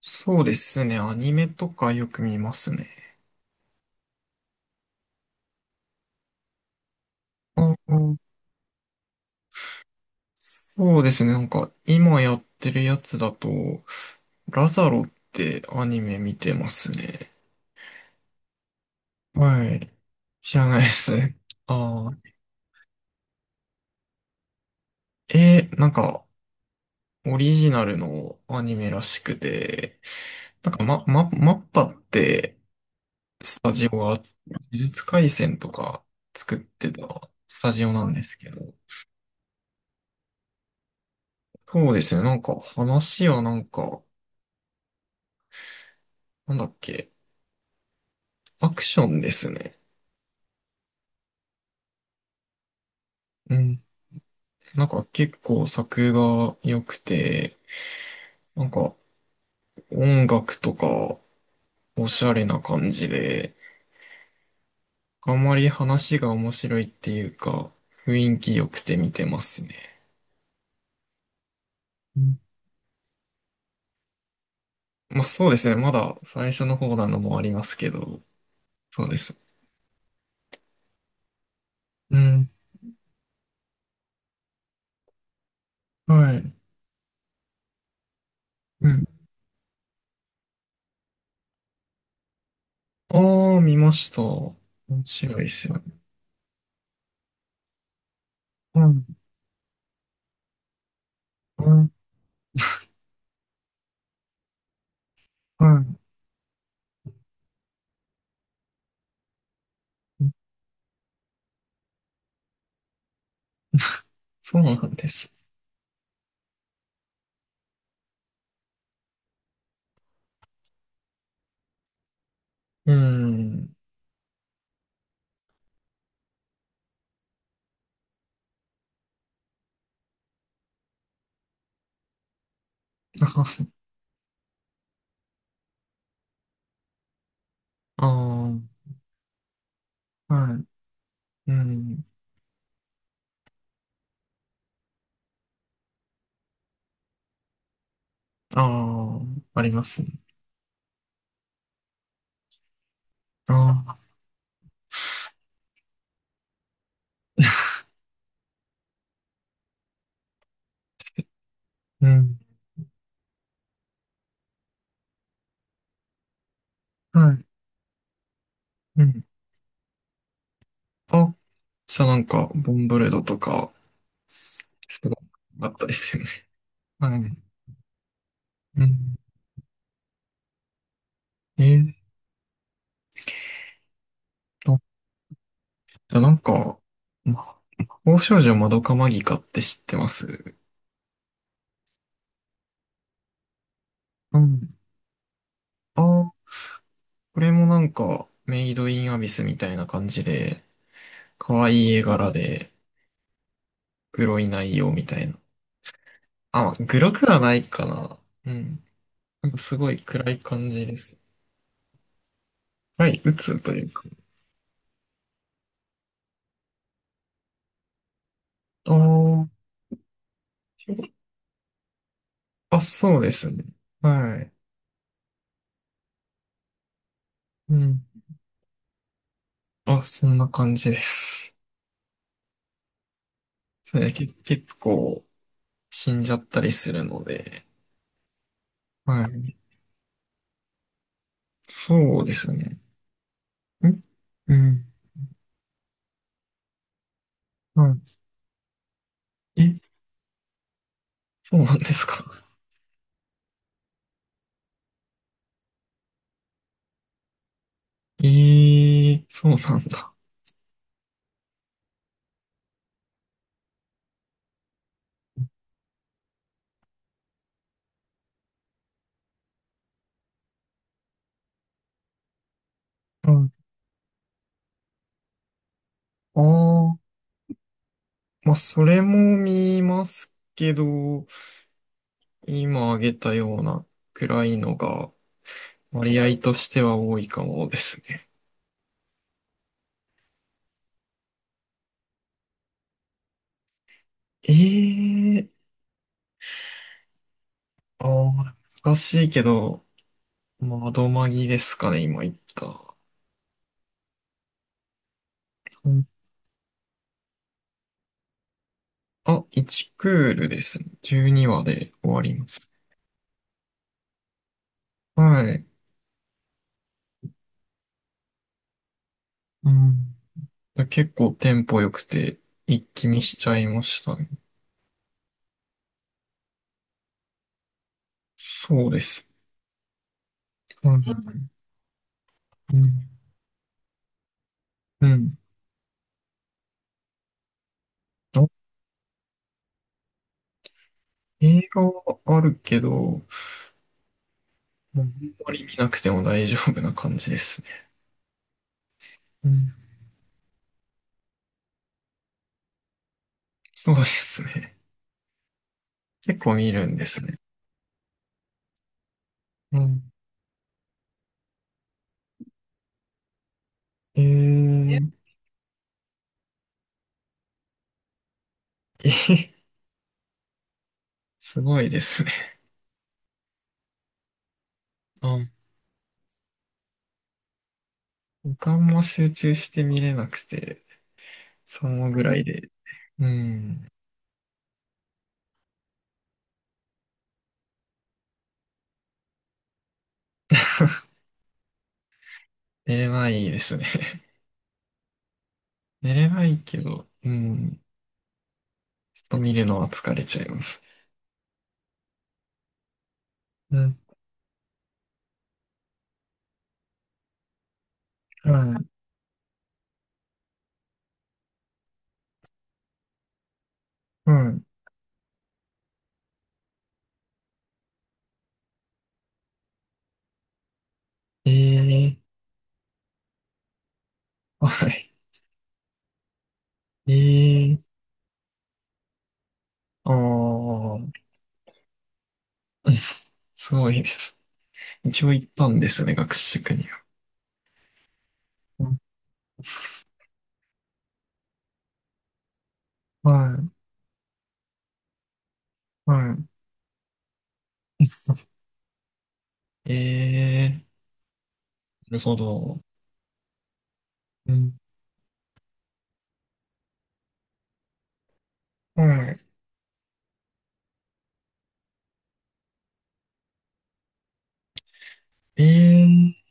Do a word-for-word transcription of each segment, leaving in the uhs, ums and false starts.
そうですね。アニメとかよく見ますね。あ、うん。そうですね。なんか、今やってるやつだと、ラザロってアニメ見てますね。はい。知らないです。ああ。えーなんか、オリジナルのアニメらしくて、なんか、ま、ま、マッパって、スタジオが、呪術廻戦とか作ってたスタジオなんですけど、そうですね。なんか、話はなんか、なんだっけ。アクションですね。うん。なんか結構作が良くて、なんか音楽とかおしゃれな感じで、あんまり話が面白いっていうか、雰囲気良くて見てますね。うん。まあそうですね。まだ最初の方なのもありますけど、そうです。うん。はい。うん。ああ、見ました。面白いですよね。うんうん。はい。そうなんです。うん。あは、ああ、はい。うん。ああ、ありますね。ああ、うん。はい。うん。あ、じゃあなんか、ボンブレドとか、すごいあったですよね。はい。うん。えーっと、じゃあなんか、魔法少女まどかマギカって知ってます？うん。ああ、これもなんか、メイドインアビスみたいな感じで、可愛い絵柄で、グロい内容みたいな。あ、グロくはないかな。うん。なんかすごい暗い感じです。はい、鬱というか。ああ、あ、そうですね。はい。うん。あ、そんな感じです。そね、け、結構死んじゃったりするので。はい。そうですね。んうん。はい。え、そうなんですか。えー、そうなんだ。うん。ああ、まあ、それも見ますけど、今挙げたようなくらいのが割合としては多いかもですね。ええ、ああ、難しいけど、まあ、どまぎですかね、今言った。うん。あ、いちクールですね。じゅうにわで終わります。はい。うん。結構テンポ良くて、一気見しちゃいましたね。そうです。うん。うん。うん。あ、映画はあるけど、もうあんまり見なくても大丈夫な感じですね。うん。そうですね。結構見るんですね。うん。えー、え、すごいですね。あ、時間も集中して見れなくて、そのぐらいで、うん、寝れないですね。寝れないけど、うん、ちょっと見るのは疲れちゃいます。うん、はい、うん、ええー、はい、ええー、ああ、うん。 すごいです。一応行ったんですね、学習塾には。うん。はい、はい、ええー、なるほど。うん、はい、ええー、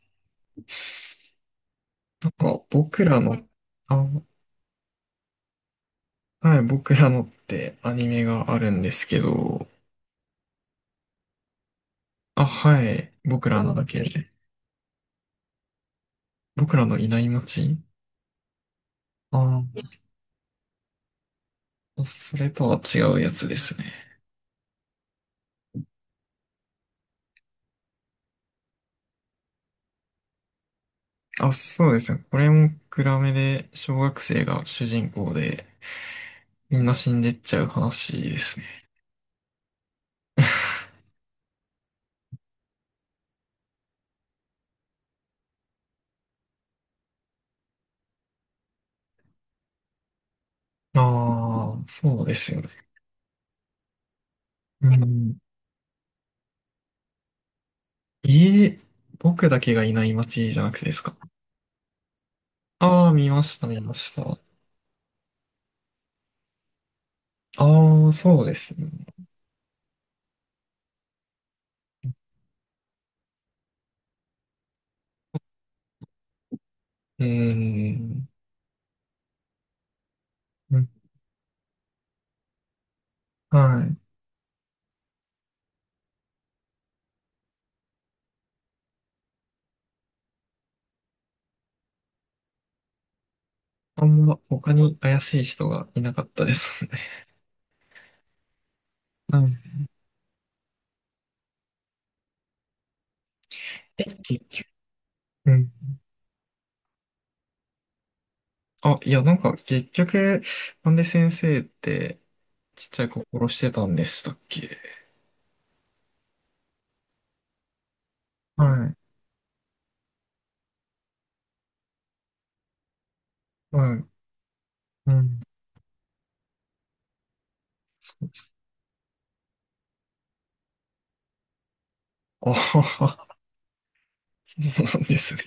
なんか僕らの、あ、はい、僕らのってアニメがあるんですけど、あ、はい、僕らのだけで、僕らのいない街？ああ、それとは違うやつですね。あ、そうですね。これも暗めで、小学生が主人公で、みんな死んでっちゃう話ですね。ああ、そうですよね。うん。ええ、僕だけがいない街じゃなくてですか？ああ、見ました、見ました。ああ、そうですね。うーん。うん。はい。あんま他に怪しい人がいなかったですね。うん。え、結局。うん。あ、いや、なんか結局、なんで先生ってちっちゃい子殺してたんでしたっけ？はい。はい。うん。あはは、そうなんですね。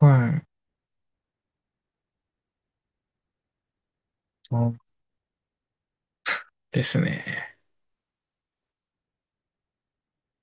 はい。あ、ですね。